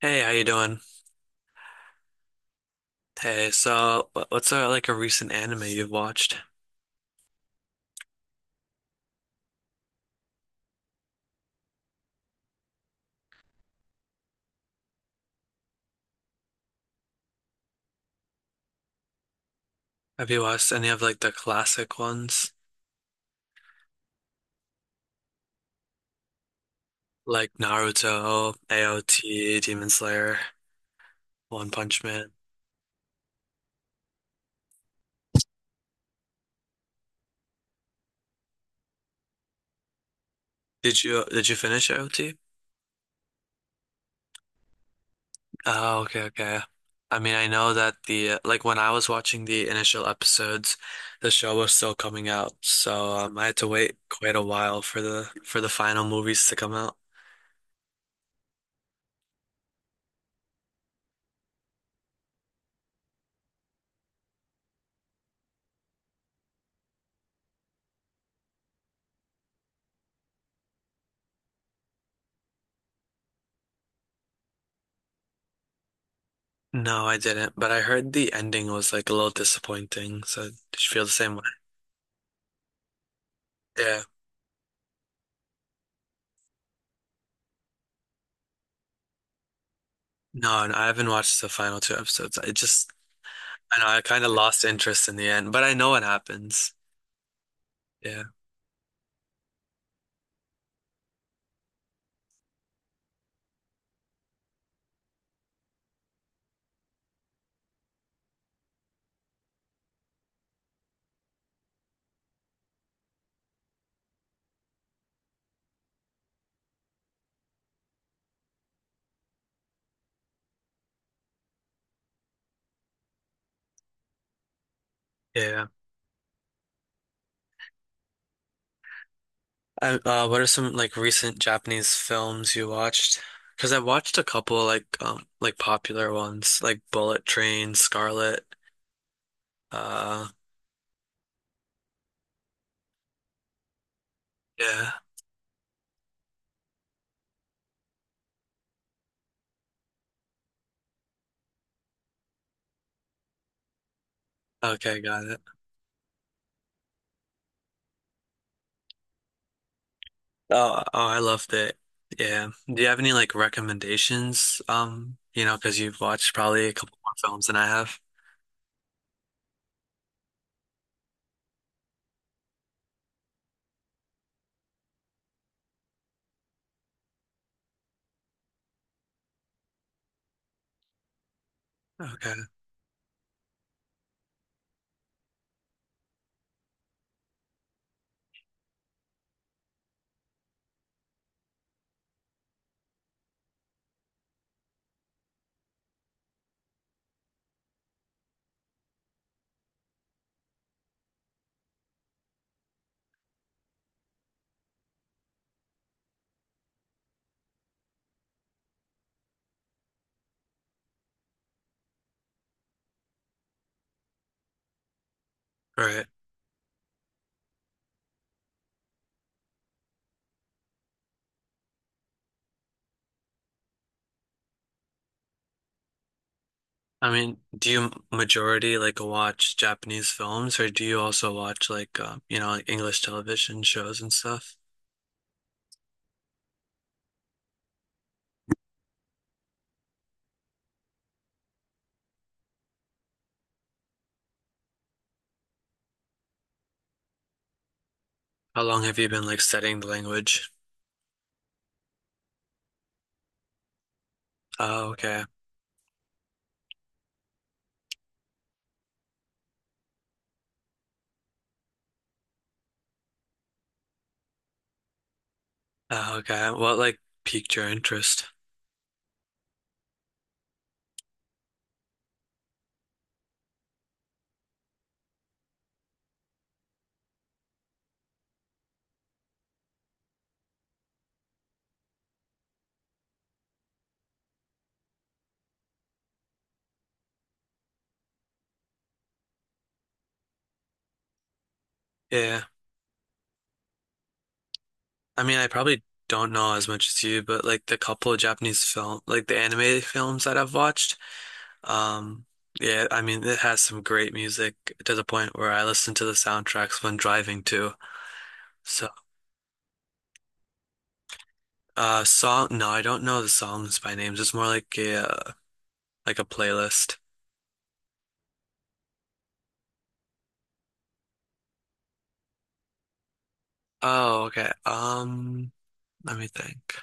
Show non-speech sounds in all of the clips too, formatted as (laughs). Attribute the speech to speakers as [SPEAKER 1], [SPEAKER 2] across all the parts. [SPEAKER 1] Hey, how you doing? Hey, so what's a, like a recent anime you've watched? Have you watched any of like the classic ones, like Naruto, AOT, Demon Slayer, One Punch Man? Did you finish AOT? Oh, okay, okay. I mean, I know that the like when I was watching the initial episodes, the show was still coming out, so I had to wait quite a while for the final movies to come out. No, I didn't, but I heard the ending was like a little disappointing. So did you feel the same way? Yeah. No, and I haven't watched the final two episodes. I just, I know I kind of lost interest in the end, but I know what happens. Yeah. Yeah. What are some like recent Japanese films you watched? Because I watched a couple like popular ones like Bullet Train, Scarlet. Uh, yeah. Okay, got it. Oh, oh, I loved it. Yeah. Do you have any like recommendations? You know, because you've watched probably a couple more films than I have. Okay. Right. I mean, do you majority like watch Japanese films or do you also watch like you know, like English television shows and stuff? How long have you been like studying the language? Oh, okay. Oh, okay. What like piqued your interest? Yeah. I mean, I probably don't know as much as you, but like the couple of Japanese film, like the anime films that I've watched. Um, yeah, I mean, it has some great music to the point where I listen to the soundtracks when driving too. So, song, no, I don't know the songs by names. It's more like like a playlist. Oh, okay. Let me think.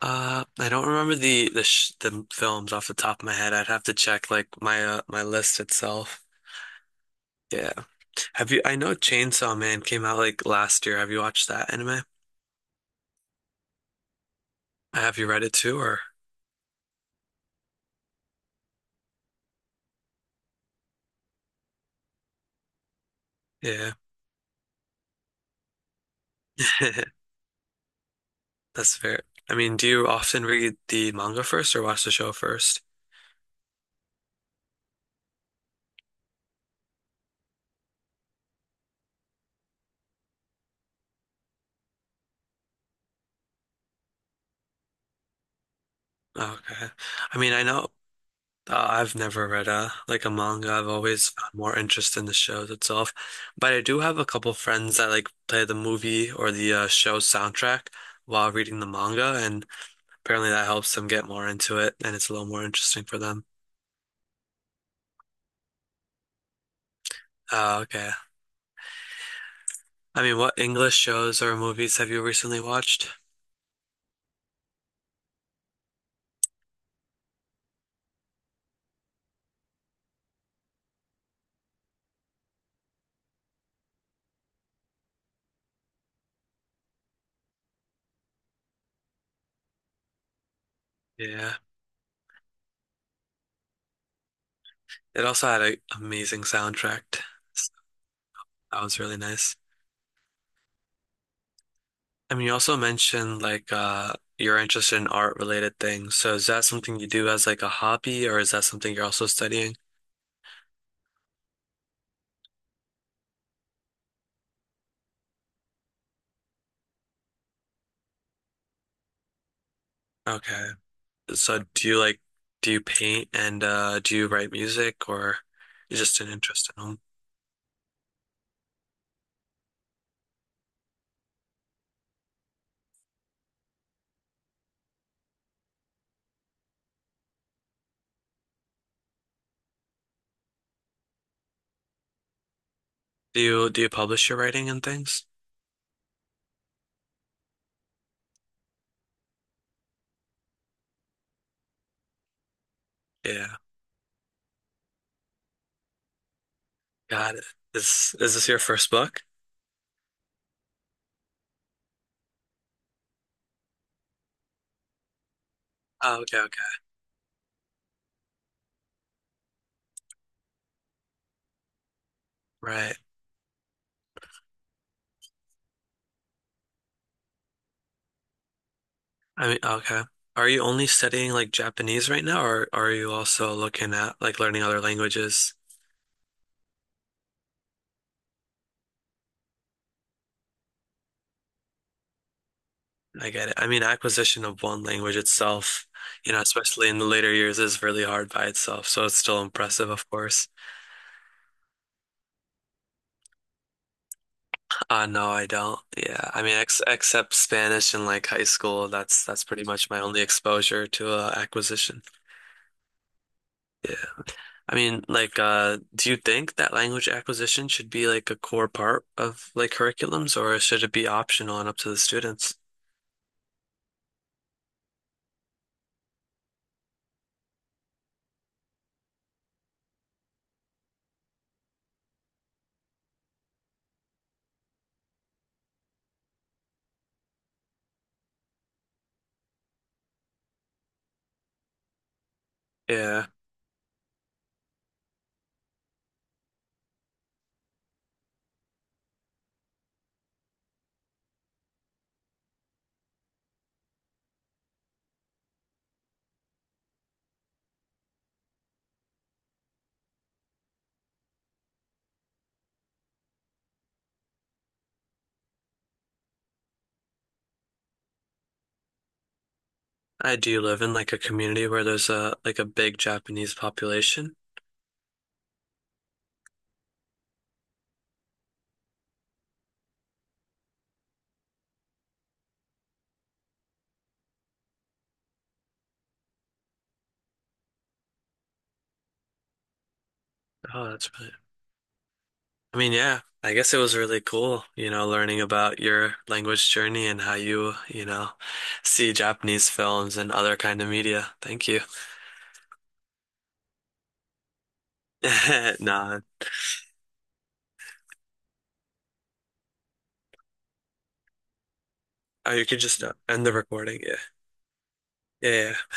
[SPEAKER 1] I don't remember the sh the films off the top of my head. I'd have to check like my my list itself. Yeah. Have you? I know Chainsaw Man came out like last year. Have you watched that anime? Have you read it too, or yeah? (laughs) That's fair. I mean, do you often read the manga first or watch the show first? Okay. I mean, I know I've never read a like a manga. I've always found more interest in the shows itself. But I do have a couple friends that like play the movie or the show soundtrack while reading the manga, and apparently that helps them get more into it, and it's a little more interesting for them. Okay. I mean, what English shows or movies have you recently watched? Yeah. It also had an amazing soundtrack. So that was really nice. I mean, you also mentioned like you're interested in art related things. So is that something you do as like a hobby or is that something you're also studying? Okay. So do you paint and do you write music or you're just an interest in them? Do you publish your writing and things? Yeah. Got it. Is this your first book? Oh, okay, okay. Right. I mean, okay. Are you only studying like Japanese right now or are you also looking at like learning other languages? Like, I get it. I mean, acquisition of one language itself, you know, especially in the later years, is really hard by itself. So it's still impressive, of course. No, I don't. Yeah, I mean, ex except Spanish in like high school, that's pretty much my only exposure to acquisition. Yeah, I mean, like, do you think that language acquisition should be like a core part of like curriculums, or should it be optional and up to the students? Yeah, I do live in like a community where there's a like a big Japanese population. Oh, that's really I mean, yeah, I guess it was really cool, you know, learning about your language journey and how you, you know, see Japanese films and other kind of media. Thank you. (laughs) Nah, oh, you could just end the recording. Yeah. Yeah, yeah.